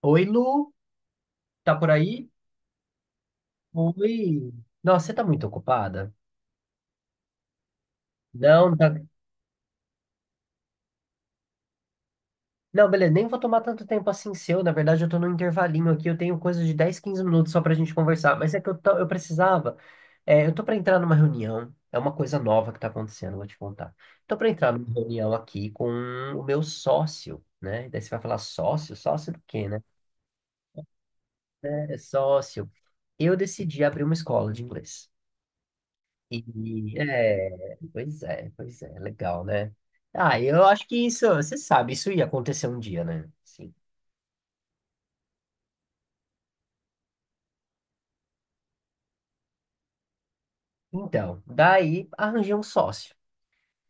Oi, Lu, tá por aí? Oi. Nossa, você tá muito ocupada? Não, não tá... Não, beleza, nem vou tomar tanto tempo assim seu. Na verdade, eu tô num intervalinho aqui, eu tenho coisa de 10, 15 minutos só pra gente conversar. Mas é que eu precisava. Eu tô pra entrar numa reunião, é uma coisa nova que tá acontecendo, vou te contar. Tô pra entrar numa reunião aqui com o meu sócio, né? Daí você vai falar sócio? Sócio do quê, né? É sócio. Eu decidi abrir uma escola de inglês. Pois é, legal, né? Ah, eu acho que isso, você sabe, isso ia acontecer um dia, né? Sim. Então, daí arranjei um sócio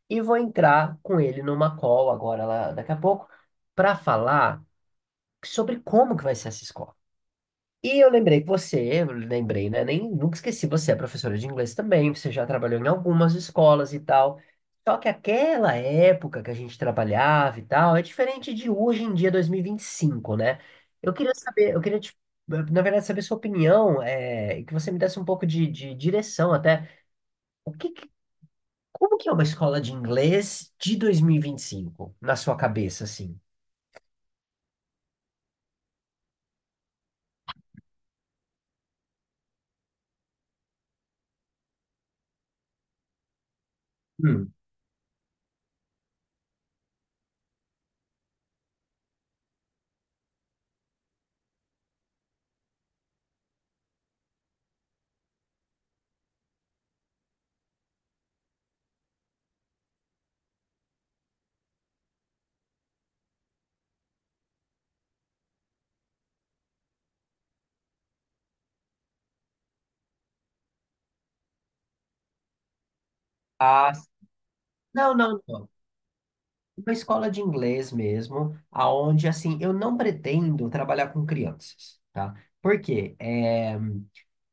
e vou entrar com ele numa call agora, lá, daqui a pouco, para falar sobre como que vai ser essa escola. E eu lembrei que você, eu lembrei, né? Nem, nunca esqueci, você é professora de inglês também, você já trabalhou em algumas escolas e tal. Só que aquela época que a gente trabalhava e tal, é diferente de hoje em dia, dois mil e vinte e cinco, né? Eu queria saber, eu queria, te, Na verdade, saber sua opinião, é, e que você me desse um pouco de direção até. O que, que- Como que é uma escola de inglês de dois mil e vinte e cinco na sua cabeça, assim? Hum. Ah, não. Uma escola de inglês mesmo, aonde assim, eu não pretendo trabalhar com crianças, tá? Por quê? É,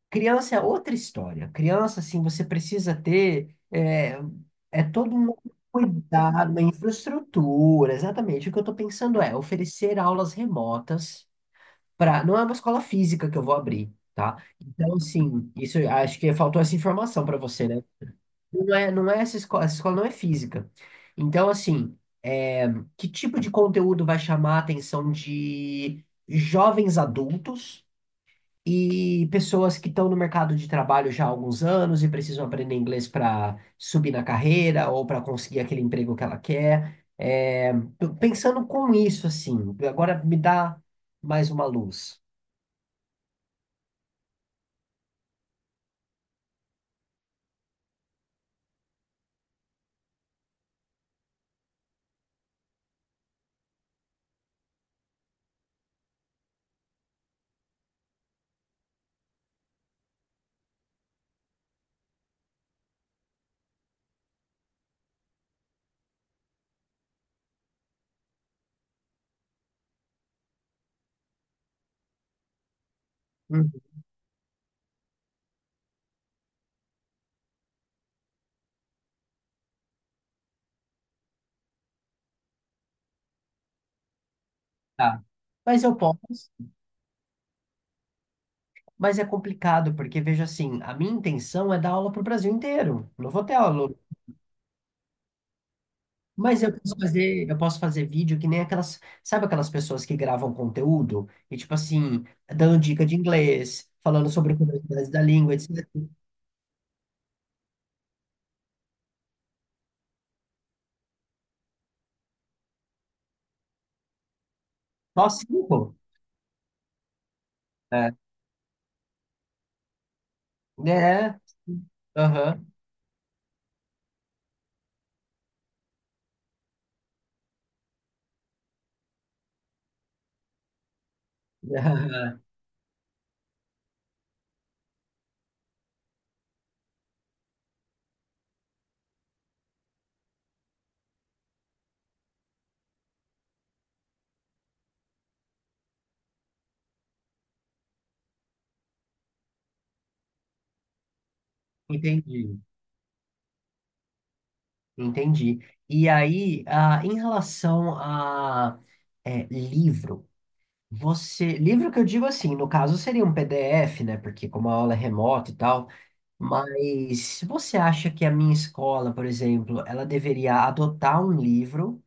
criança é outra história. Criança, assim, você precisa ter é todo um cuidado, uma infraestrutura. Exatamente. O que eu estou pensando é oferecer aulas remotas para. Não é uma escola física que eu vou abrir, tá? Então, assim, isso eu acho que faltou essa informação para você, né? Não é essa escola não é física. Então, assim, é, que tipo de conteúdo vai chamar a atenção de jovens adultos e pessoas que estão no mercado de trabalho já há alguns anos e precisam aprender inglês para subir na carreira ou para conseguir aquele emprego que ela quer? É, tô pensando com isso, assim, agora me dá mais uma luz. Hum, tá. Mas eu posso. Mas é complicado, porque veja assim, a minha intenção é dar aula para o Brasil inteiro. Não vou ter aula. Mas eu posso fazer vídeo que nem aquelas, sabe aquelas pessoas que gravam conteúdo e tipo assim, dando dica de inglês, falando sobre curiosidades da língua, etc. Só cinco. É. É. é. Aham. Entendi. Entendi. E aí, ah, em relação a livro. Livro que eu digo assim, no caso seria um PDF, né? Porque como a aula é remota e tal, mas se você acha que a minha escola, por exemplo, ela deveria adotar um livro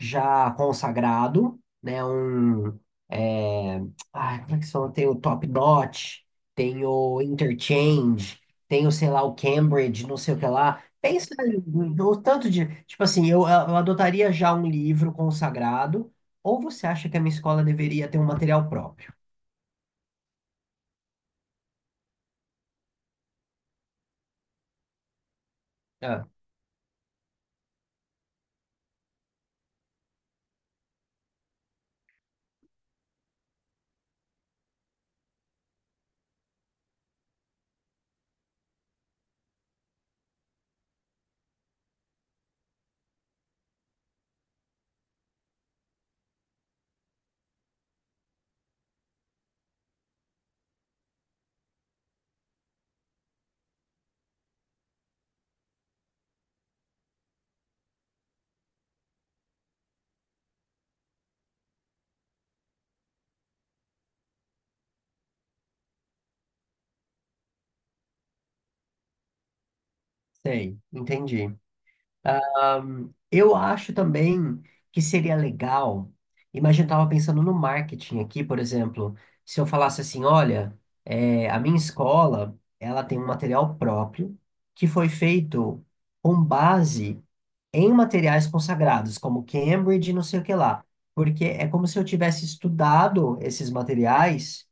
já consagrado, né? É, Como é que são? Tem o Top Notch, tem o Interchange, tem o, sei lá, o Cambridge, não sei o que lá. No tanto de. Tipo assim, eu adotaria já um livro consagrado, ou você acha que a minha escola deveria ter um material próprio? Ah, sei, entendi. Eu acho também que seria legal. Imagina, eu estava pensando no marketing aqui, por exemplo, se eu falasse assim, olha, é, a minha escola, ela tem um material próprio que foi feito com base em materiais consagrados, como Cambridge, e não sei o que lá, porque é como se eu tivesse estudado esses materiais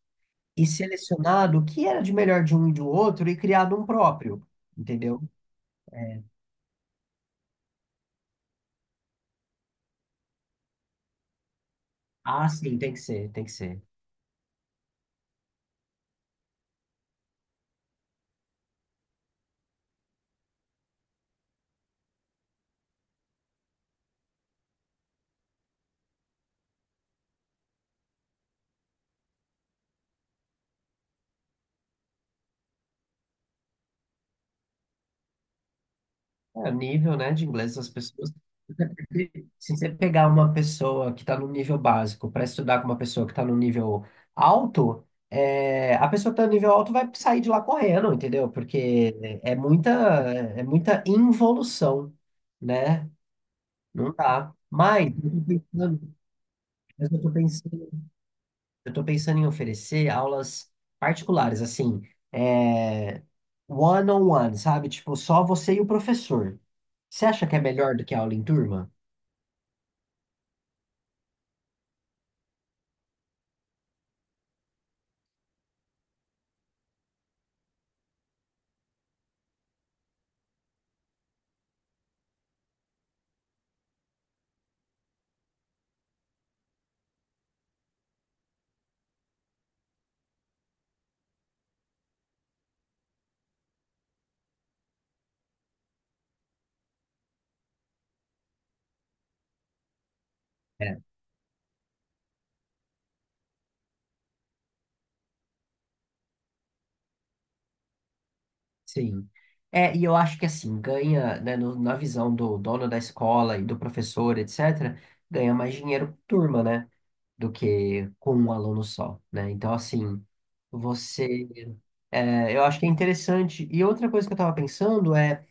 e selecionado o que era de melhor de um e do outro e criado um próprio, entendeu? Ah, sim, tem que ser. É, o nível, né, de inglês das pessoas. Se Se você pegar uma pessoa que está no nível básico para estudar com uma pessoa que está no nível alto, é, a pessoa que está no nível alto vai sair de lá correndo, entendeu? Porque é muita involução, né? Não dá. Mas eu tô pensando, eu tô pensando em oferecer aulas particulares, assim, é, one-on-one, sabe? Tipo, só você e o professor. Você acha que é melhor do que aula em turma? É, sim. É, e eu acho que assim, ganha, né, na visão do dono da escola e do professor, etc., ganha mais dinheiro por turma, né, do que com um aluno só, né? Então, assim, você. É, eu acho que é interessante. E outra coisa que eu estava pensando é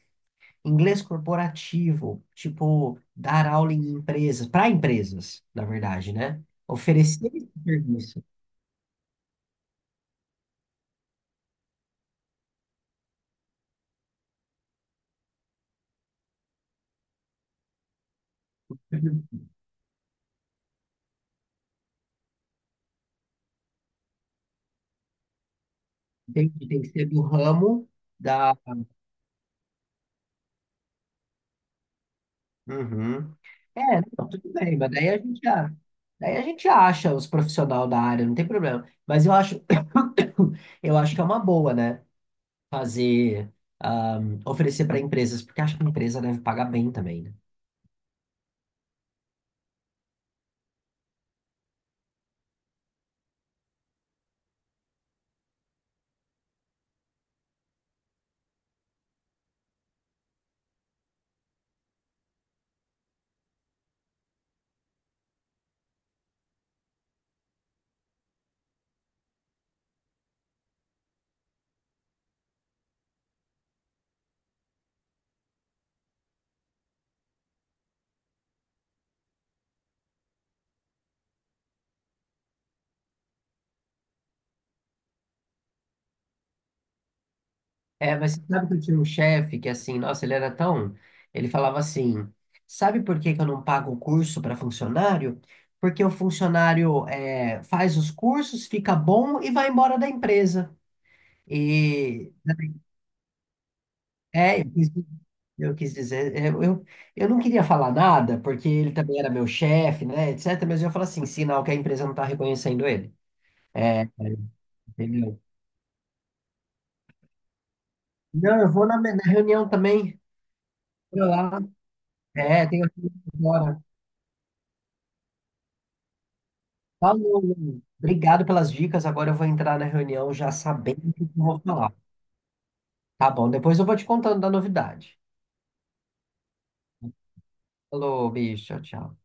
inglês corporativo, tipo, dar aula em empresas, para empresas, na verdade, né? Oferecer esse serviço. Tem que ser do ramo. Da Uhum. É, não, tudo bem, daí a gente acha os profissionais da área, não tem problema. Mas eu acho, eu acho que é uma boa, né? Fazer, oferecer para empresas, porque acho que a empresa deve pagar bem também, né? É, mas você sabe que eu tinha um chefe que assim, nossa, ele era tão, ele falava assim, sabe por que que eu não pago o curso para funcionário? Porque o funcionário faz os cursos, fica bom e vai embora da empresa. E É, eu quis eu quis dizer, eu não queria falar nada, porque ele também era meu chefe, né, etc. Mas eu falo assim, sinal que a empresa não está reconhecendo ele. Aí, entendeu? Não, eu vou na reunião também. Vou lá. É, tenho que ir agora. Falou, Lu. Obrigado pelas dicas. Agora eu vou entrar na reunião já sabendo o que eu vou falar. Tá bom, depois eu vou te contando da novidade. Falou, bicho, tchau, tchau.